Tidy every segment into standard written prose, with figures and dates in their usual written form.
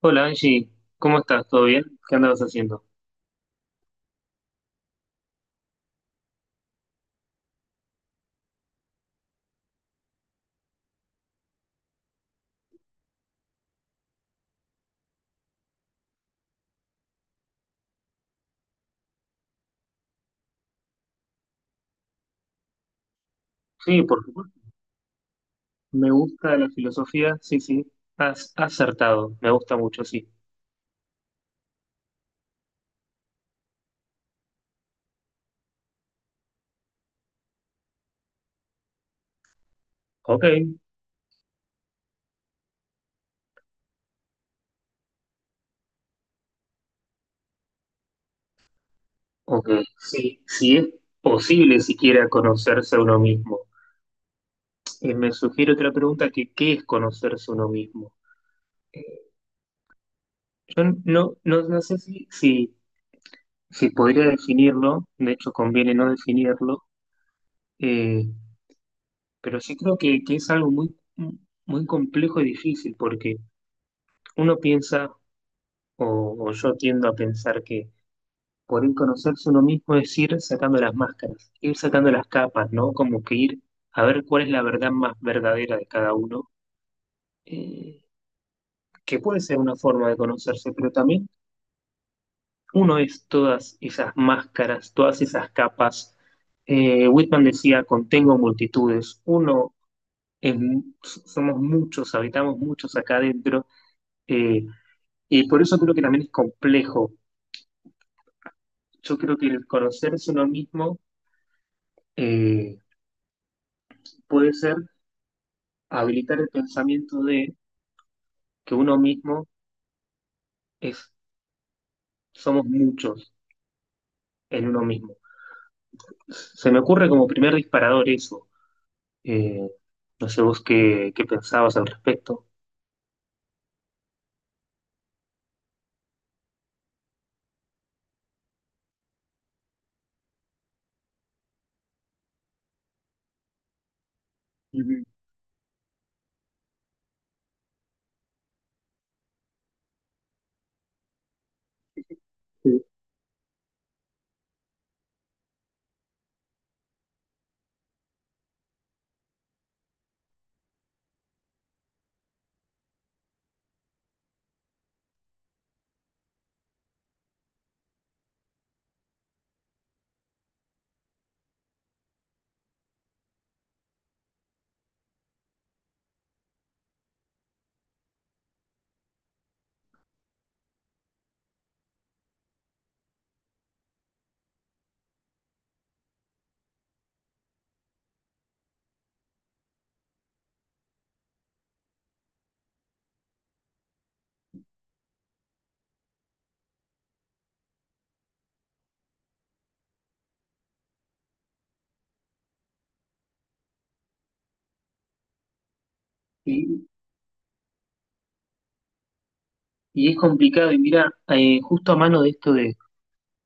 Hola Angie, ¿cómo estás? ¿Todo bien? ¿Qué andabas haciendo? Sí, por supuesto. Me gusta la filosofía, sí, sí. Has acertado, me gusta mucho, sí. Ok, ok. Sí, sí es posible siquiera conocerse a uno mismo. Me sugiere otra pregunta, que ¿qué es conocerse a uno mismo? Eh, Yo no, no, No sé si podría definirlo, de hecho conviene no definirlo. eh, pero sí creo que es algo muy complejo y difícil, porque uno piensa, O, o yo tiendo a pensar que por ir conocerse uno mismo es ir sacando las máscaras, ir sacando las capas, ¿no? Como que ir a ver cuál es la verdad más verdadera de cada uno, eh, que puede ser una forma de conocerse, pero también uno es todas esas máscaras, todas esas capas. Whitman decía, contengo multitudes, uno somos muchos, habitamos muchos acá adentro, eh, y por eso creo que también es complejo. Yo creo que el conocerse uno mismo eh, puede ser habilitar el pensamiento de que uno mismo es, somos muchos en uno mismo. Se me ocurre como primer disparador eso. Eh, no sé vos qué, qué pensabas al respecto. Ujú. Sí. Y, y es complicado, y mira, justo a mano de esto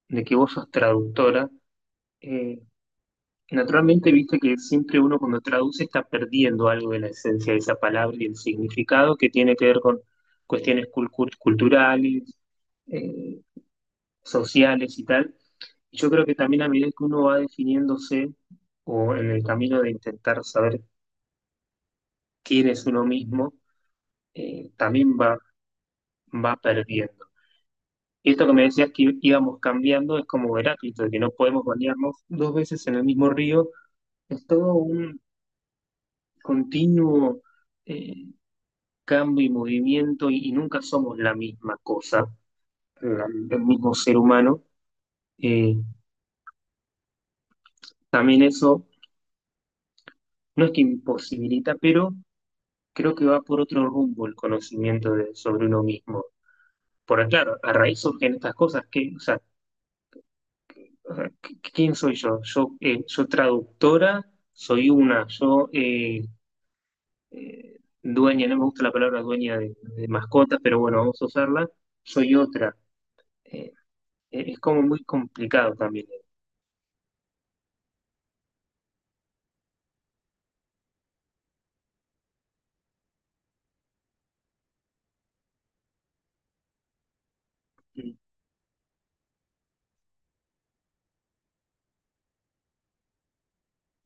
de que vos sos traductora. eh, Naturalmente, viste que siempre uno cuando traduce está perdiendo algo de la esencia de esa palabra y el significado que tiene que ver con cuestiones culturales, eh, sociales y tal. Y yo creo que también a medida que uno va definiéndose o en el camino de intentar saber quién es uno mismo, también va perdiendo. Y esto que me decías que íbamos cambiando es como Heráclito, de que no podemos bañarnos dos veces en el mismo río. Es todo un continuo eh, cambio y movimiento y nunca somos la misma cosa, el mismo ser humano. Eh, También eso no es que imposibilita, pero creo que va por otro rumbo el conocimiento de, sobre uno mismo. Porque claro, a raíz surgen estas cosas que, o sea, ¿quién soy yo? Yo, yo traductora, soy una, yo dueña, no me gusta la palabra dueña de mascotas, pero bueno, vamos a usarla, soy otra. Eh, es como muy complicado también eh,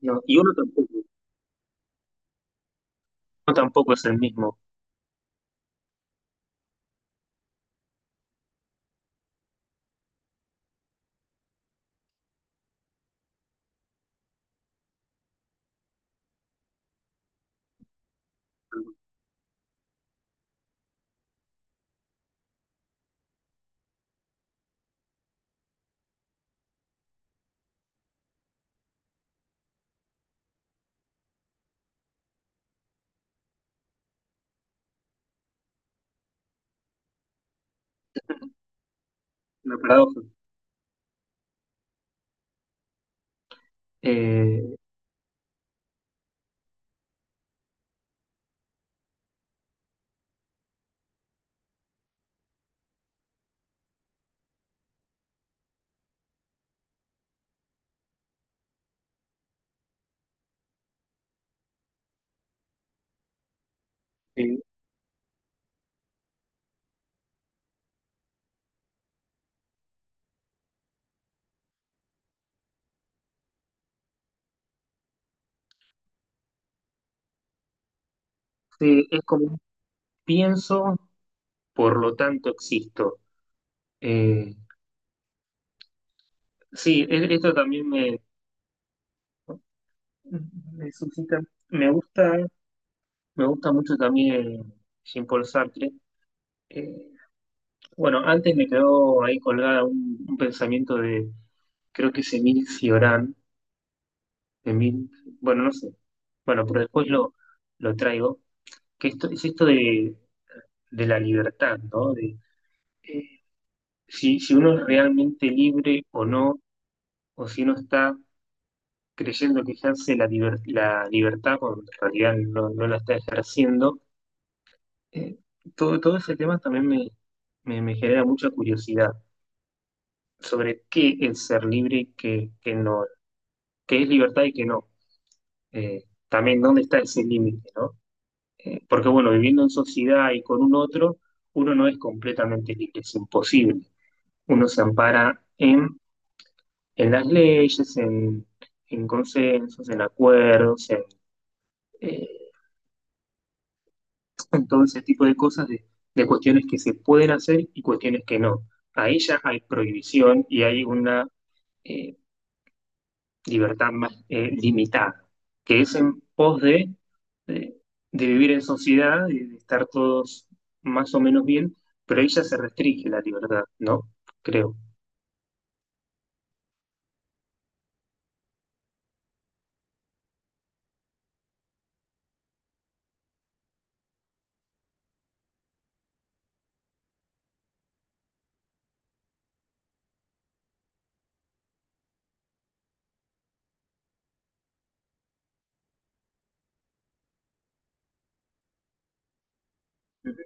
No, y uno tampoco es el mismo. Una paradoja. Eh, eh, sí, es como pienso, por lo tanto existo. Eh, sí, esto también me suscita. Me gusta, Me gusta mucho también Jean-Paul Sartre. Eh, bueno, antes me quedó ahí colgada un pensamiento de, creo que es Emile Cioran, Emile- bueno, no sé. Bueno, pero después lo traigo. Que esto, es esto de la libertad, ¿no? De, eh, si uno es realmente libre o no, o si uno está creyendo que ejerce la libertad cuando en realidad no, no la está ejerciendo. eh, Todo ese tema también me genera mucha curiosidad sobre qué es ser libre y qué, qué no, qué es libertad y qué no. Eh, También dónde está ese límite, ¿no? Porque bueno, viviendo en sociedad y con un otro, uno no es completamente libre, es imposible. Uno se ampara en las leyes, en consensos, en acuerdos, eh, en todo ese tipo de cosas, de cuestiones que se pueden hacer y cuestiones que no. Ahí ya hay prohibición y hay una eh, libertad más limitada, que es en pos de, de vivir en sociedad, y de estar todos más o menos bien, pero ahí ya se restringe la libertad, ¿no? Creo. Ujú.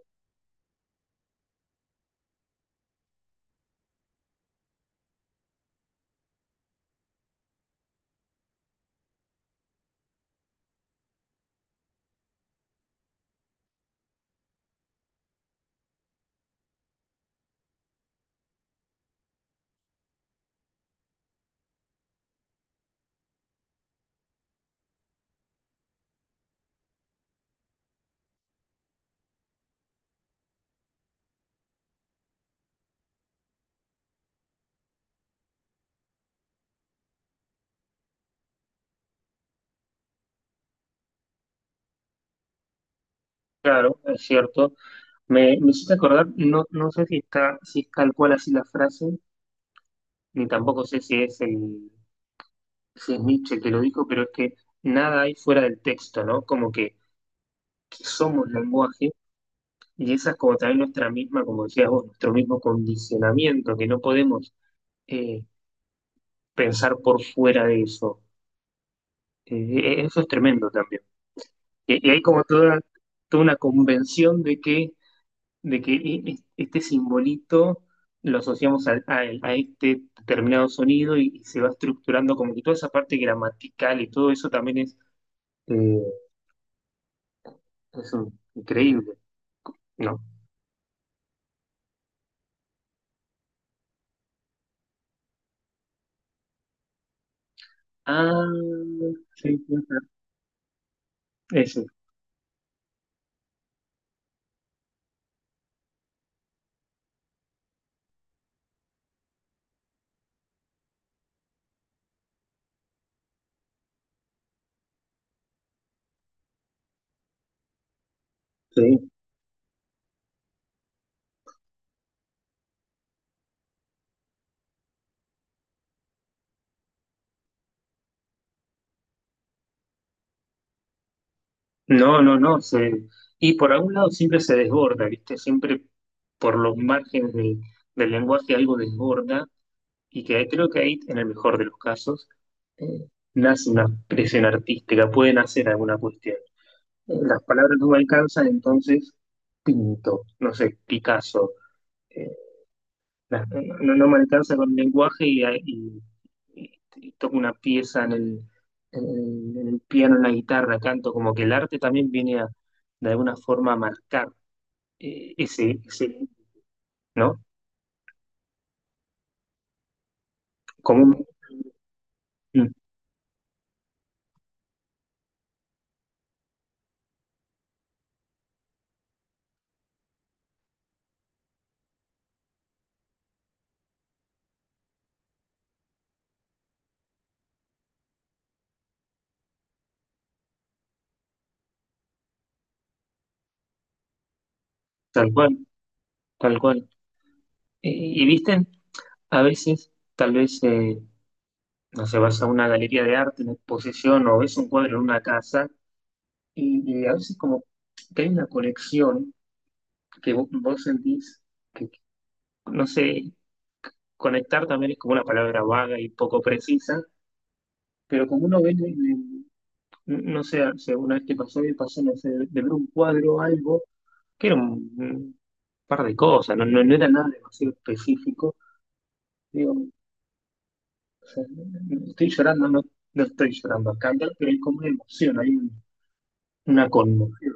Claro, es cierto. Me hiciste acordar, no, no sé si está, si es tal cual así la frase, ni tampoco sé si es, el, si es Nietzsche el que lo dijo, pero es que nada hay fuera del texto, ¿no? Como que somos lenguaje y esa es como también nuestra misma, como decías vos, nuestro mismo condicionamiento, que no podemos eh, pensar por fuera de eso. Eso es tremendo también. Y hay como toda, toda una convención de que este simbolito lo asociamos a este determinado sonido y se va estructurando como que toda esa parte gramatical y todo eso también eh, es increíble, ¿no? Ah, sí, sí, eso, sí. No, no, y por algún lado siempre se desborda, ¿viste? Siempre por los márgenes del, del lenguaje algo desborda y que creo que ahí, en el mejor de los casos, eh, nace una expresión artística, pueden hacer alguna cuestión. Las palabras no me alcanzan, entonces pinto, no sé, Picasso. Eh, no, no me alcanza con el lenguaje y toco una pieza en el, en el piano, en la guitarra, canto, como que el arte también viene a, de alguna forma a marcar ese, ese, ¿no? Como mm, tal cual, tal cual. Y visten, a veces, tal vez, no sé, vas a una galería de arte, una exposición, o ves un cuadro en una casa. Y a veces como que hay una conexión que vos sentís que, no sé, conectar también es como una palabra vaga y poco precisa, pero como uno ve, en no sé, o sea, una vez que pasó y pasó, no sé, de ver un cuadro o algo, que era un par de cosas, no, no, no era nada demasiado específico, digo, o sea, no, no estoy llorando, no, no estoy llorando acá, pero hay como una emoción, una conmoción.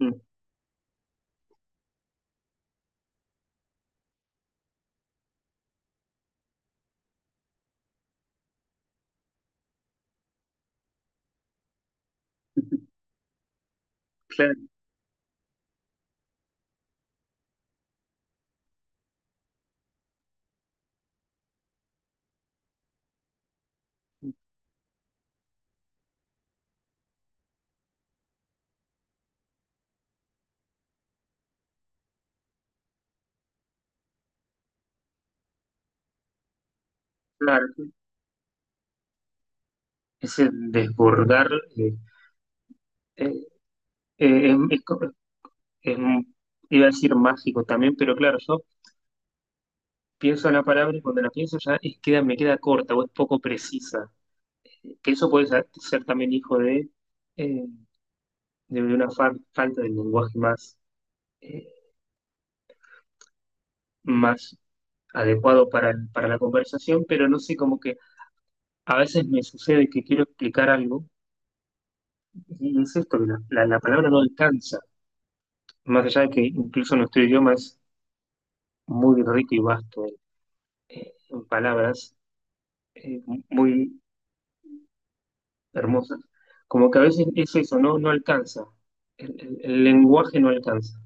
Mm. Claro, claro. Ese desbordar eh, eh, eh, em, es, co- es, iba a decir mágico también, pero claro, yo pienso en la palabra y cuando la pienso ya me queda corta o es poco precisa. Que eso puede ser, ser también hijo eh, de una falta de lenguaje más, eh, más adecuado para la conversación, pero no sé, como que a veces me sucede que quiero explicar algo y es esto, que la, la la palabra no alcanza, más allá de que incluso nuestro idioma es muy rico y vasto en palabras eh, muy hermosas, como que a veces es eso, ¿no? No alcanza, el, el lenguaje no alcanza.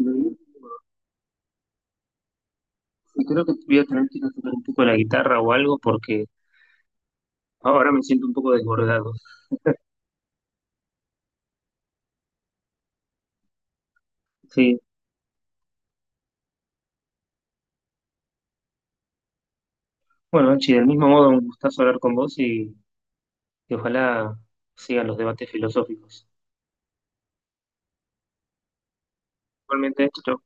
Mm, Y creo que voy a tener que ir a tocar un poco la guitarra o algo porque ahora me siento un poco desbordado. Sí, bueno, Anchi, del mismo modo, un gustazo hablar con vos y ojalá sigan los debates filosóficos. Igualmente, chau.